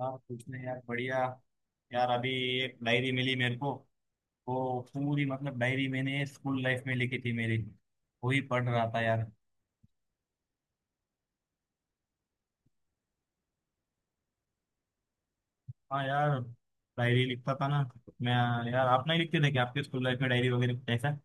हाँ कुछ नहीं यार बढ़िया। यार अभी एक डायरी मिली मेरे को। वो पूरी मतलब डायरी मैंने स्कूल लाइफ में लिखी थी मेरी। वही पढ़ रहा था यार। हाँ यार, डायरी लिखता था ना मैं। यार आप नहीं लिखते थे क्या आपके स्कूल लाइफ में डायरी वगैरह ऐसा?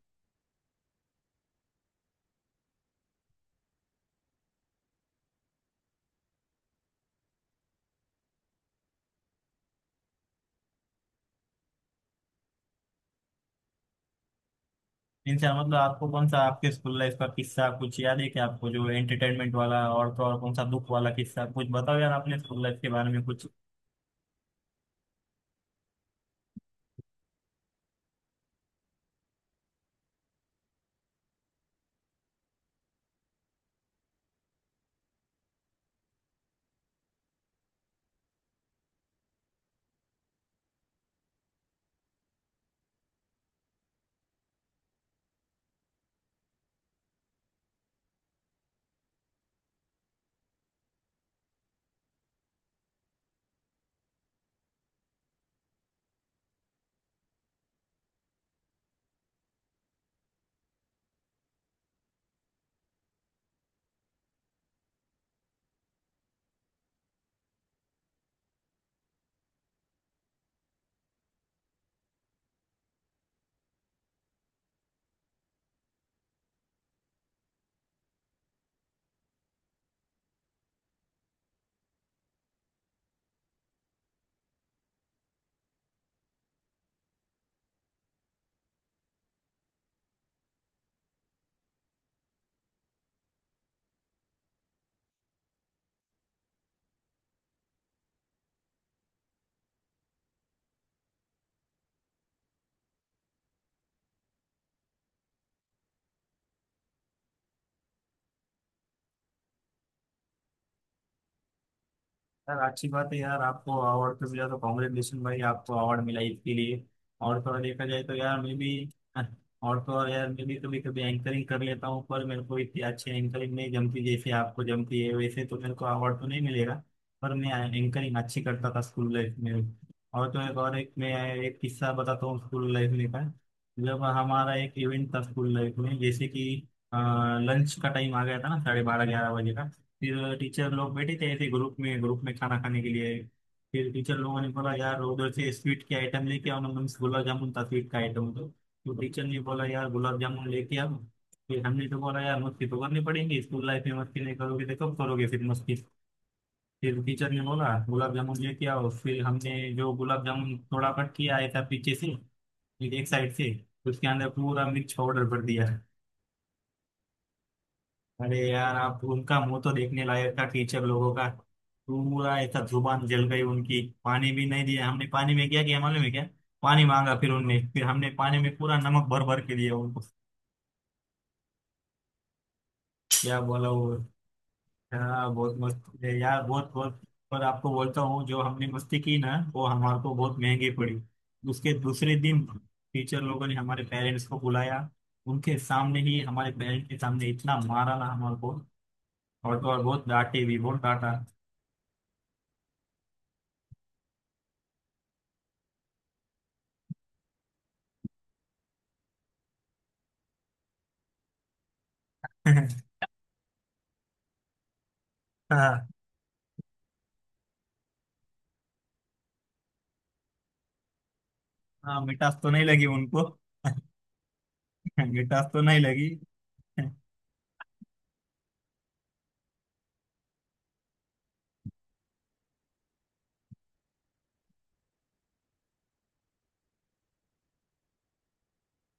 इनसे मतलब आपको कौन सा आपके स्कूल लाइफ का किस्सा कुछ याद है क्या आपको, जो एंटरटेनमेंट वाला, और तो और कौन सा दुख वाला किस्सा कुछ बताओ यार अपने स्कूल लाइफ के बारे में कुछ। यार अच्छी बात है यार, आपको अवार्ड तो मिला तो कॉन्ग्रेचुलेशन भाई, आपको अवार्ड मिला इसके लिए। और थोड़ा देखा जाए तो यार मैं भी... हाँ, और तो और यार मैं भी कभी कभी एंकरिंग कर लेता हूँ, पर मेरे को इतनी अच्छी एंकरिंग नहीं जमती जैसे आपको जमती है, वैसे तो मेरे को अवार्ड तो नहीं मिलेगा। पर मैं एंकरिंग अच्छी करता था स्कूल लाइफ में। और तो एक मैं एक किस्सा बताता हूँ स्कूल लाइफ में का। जब हमारा एक इवेंट था स्कूल लाइफ में, जैसे कि लंच का टाइम आ गया था ना, 12:30 11 बजे का। फिर टीचर लोग बैठे थे ऐसे ग्रुप में खाना खाने के लिए। फिर टीचर लोगों ने बोला यार उधर से स्वीट के आइटम लेके आओ ना, मीन्स गुलाब जामुन था स्वीट का आइटम, तो टीचर ने बोला यार गुलाब जामुन लेके आओ। फिर हमने तो बोला यार मस्ती तो करनी पड़ेगी, स्कूल लाइफ में मस्ती नहीं करोगे तो कब करोगे? फिर मस्ती... फिर टीचर ने बोला गुलाब जामुन लेके आओ। फिर हमने जो गुलाब जामुन थोड़ा कट किया आया था पीछे से, फिर एक साइड से उसके अंदर पूरा मिर्च पाउडर भर दिया। अरे यार, आप उनका मुंह तो देखने लायक था टीचर लोगों का। पूरा ऐसा जुबान जल गई उनकी, पानी भी नहीं दिया हमने। पानी में क्या किया मालूम है क्या? पानी मांगा फिर उनने, फिर हमने पानी में पूरा नमक भर भर के दिया उनको। क्या बोला वो? हाँ बहुत मस्त है यार, बहुत बहुत। पर आपको बोलता हूँ जो हमने मस्ती की ना वो हमारे को बहुत महंगी पड़ी। उसके दूसरे दिन टीचर लोगों ने हमारे पेरेंट्स को बुलाया। उनके सामने ही, हमारे पेरेंट्स के सामने, इतना मारा ना हमारे को, और तो और बहुत डांटे भी, बहुत डांटा। हाँ। हाँ, मिठास तो नहीं लगी उनको। मिठास तो नहीं लगी।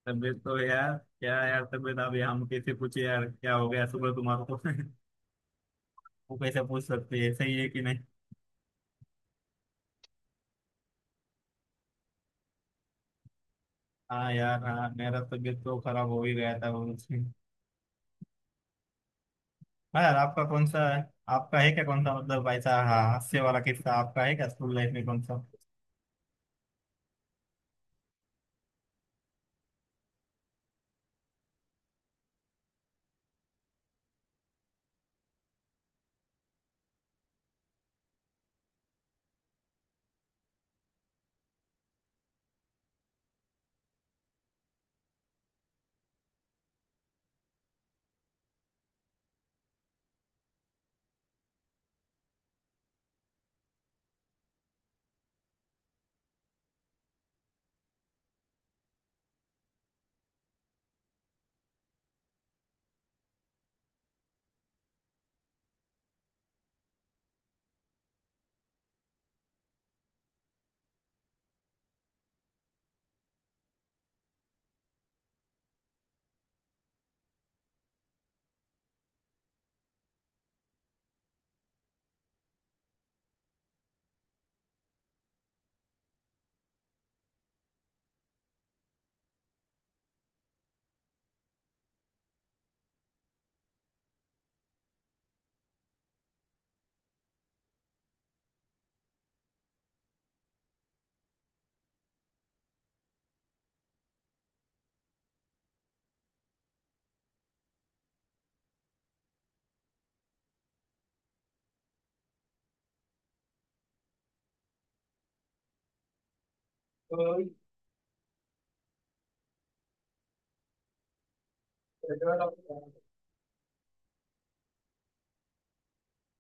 तबीयत तो यार... क्या यार, तबीयत अब हम कैसे पूछे यार, क्या हो गया सुबह तुम्हारे को? वो कैसे पूछ सकते हैं, सही है कि नहीं? हाँ यार, हाँ मेरा तबीयत तो खराब हो ही गया था वो उसमें। हाँ यार, आपका कौन सा है? आपका है क्या कौन सा, मतलब ऐसा हाँ हास्य वाला किस्सा आपका है क्या स्कूल लाइफ में? कौन सा?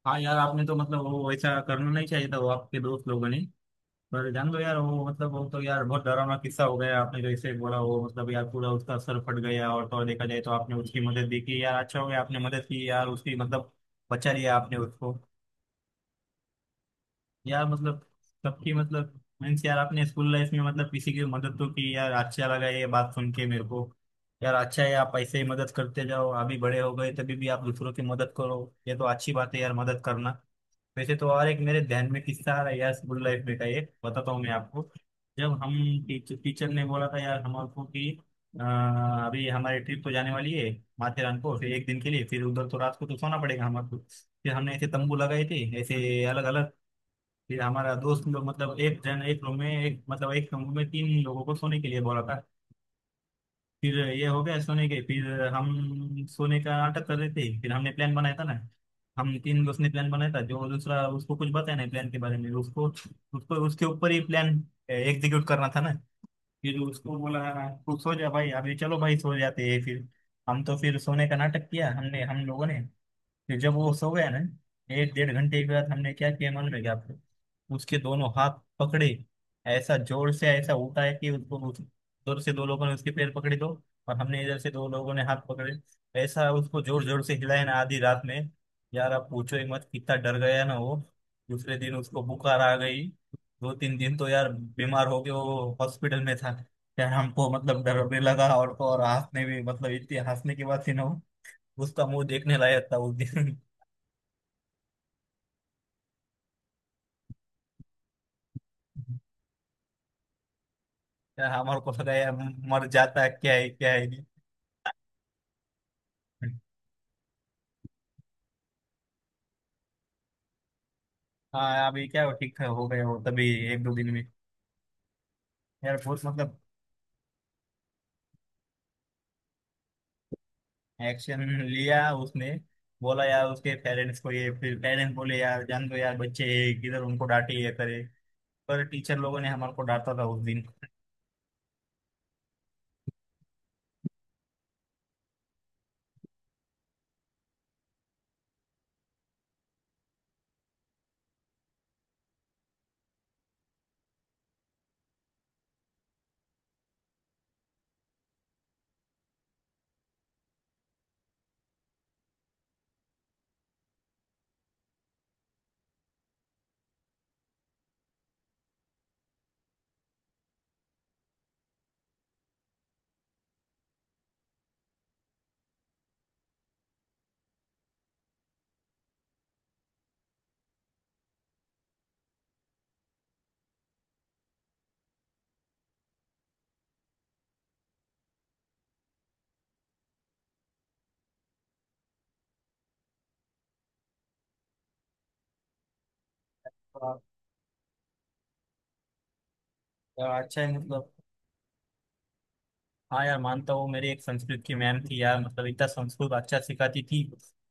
हाँ यार, आपने तो मतलब वो ऐसा करना नहीं चाहिए था, वो आपके दोस्त लोगों ने। पर जान लो यार वो, मतलब वो तो यार बहुत डरावना किस्सा हो गया, आपने जैसे बोला वो, मतलब यार पूरा उसका सर फट गया, और तो और देखा जाए तो आपने उसकी मदद भी की यार, अच्छा हो गया आपने मदद की यार उसकी मतलब, बचा लिया आपने उसको। यार मतलब सबकी मतलब मीन्स यार आपने स्कूल लाइफ में मतलब किसी की मदद तो की यार, अच्छा लगा ये बात सुन के मेरे को। यार अच्छा है, आप ऐसे ही मदद करते जाओ, अभी बड़े हो गए तभी भी आप दूसरों की मदद करो। ये तो अच्छी बात है यार, मदद करना। वैसे तो और एक मेरे ध्यान में किस्सा आ रहा है यार स्कूल लाइफ में का, एक बताता हूँ मैं आपको। जब हम टीचर टीचर ने बोला था यार हमको कि अ, अभी हमारी ट्रिप तो जाने वाली है माथेरान को, फिर एक दिन के लिए, फिर उधर तो रात को तो सोना पड़ेगा हमारे को। फिर हमने ऐसे तंबू लगाए थे ऐसे अलग अलग। फिर हमारा दोस्त लोग मतलब एक जन, एक रूम में एक मतलब एक कमरे में 3 लोगों को सोने के लिए बोला था। फिर ये हो गया सोने के, फिर हम सोने का नाटक कर रहे थे, फिर हमने प्लान बनाया था ना। हम 3 दोस्त ने प्लान बनाया था, जो दूसरा उसको कुछ बताया नहीं प्लान के बारे में, उसको उसको उसके ऊपर ही प्लान एग्जीक्यूट करना था ना। फिर उसको बोला तू सो जा भाई, अभी चलो भाई सो जाते हैं। फिर हम तो फिर सोने का नाटक किया हमने हम लोगों ने। फिर जब वो सो गया ना, एक 1.5 घंटे के बाद हमने क्या किया मालूम है क्या आपको? उसके दोनों हाथ पकड़े, ऐसा जोर से ऐसा उठाया कि उसको उस जोर से। दो लोगों ने उसके पैर पकड़े, दो और हमने इधर से, 2 लोगों ने हाथ पकड़े। ऐसा उसको जोर जोर से हिलाया ना आधी रात में। यार आप पूछो ही मत कितना डर गया ना वो। दूसरे दिन उसको बुखार आ गई। 2-3 दिन तो यार बीमार हो के वो हॉस्पिटल में था। यार हमको मतलब डर भी लगा, और तो और हंसने भी मतलब इतनी हंसने के बाद थी ना वो। उसका मुंह देखने लायक था उस दिन। यार हमारे को लगा यार मर जाता है क्या, है क्या, है नहीं। हाँ अभी क्या हो, ठीक हो गए हो तभी 1-2 दिन में। यार बहुत मतलब एक्शन लिया उसने, बोला यार उसके पेरेंट्स को ये, फिर पेरेंट्स बोले यार जान दो यार बच्चे हैं, किधर उनको डांटे ये करे। पर टीचर लोगों ने हमारे को डांटा था उस दिन। हाँ, यार अच्छा है मतलब। हाँ यार मानता हूँ, मेरी एक संस्कृत की मैम थी यार, मतलब इतना संस्कृत अच्छा सिखाती थी।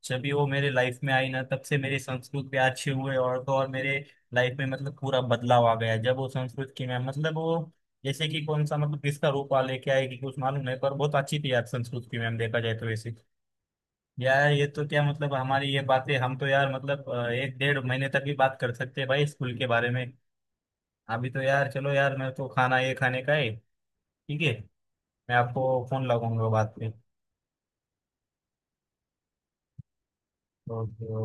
जब भी वो मेरे लाइफ में आई ना, तब से मेरे संस्कृत पे अच्छे हुए, और तो और मेरे लाइफ में मतलब पूरा बदलाव आ गया जब वो संस्कृत की मैम, मतलब वो जैसे कि कौन सा मतलब किसका रूप आ लेके आएगी कुछ मालूम नहीं, पर बहुत अच्छी थी यार संस्कृत की मैम देखा जाए तो वैसे। यार ये तो क्या मतलब हमारी ये बातें, हम तो यार मतलब एक 1.5 महीने तक भी बात कर सकते हैं भाई स्कूल के बारे में। अभी तो यार चलो, यार मेरे को खाना ये खाने का है। ठीक है, मैं आपको फोन लगाऊंगा बाद में। कर दो।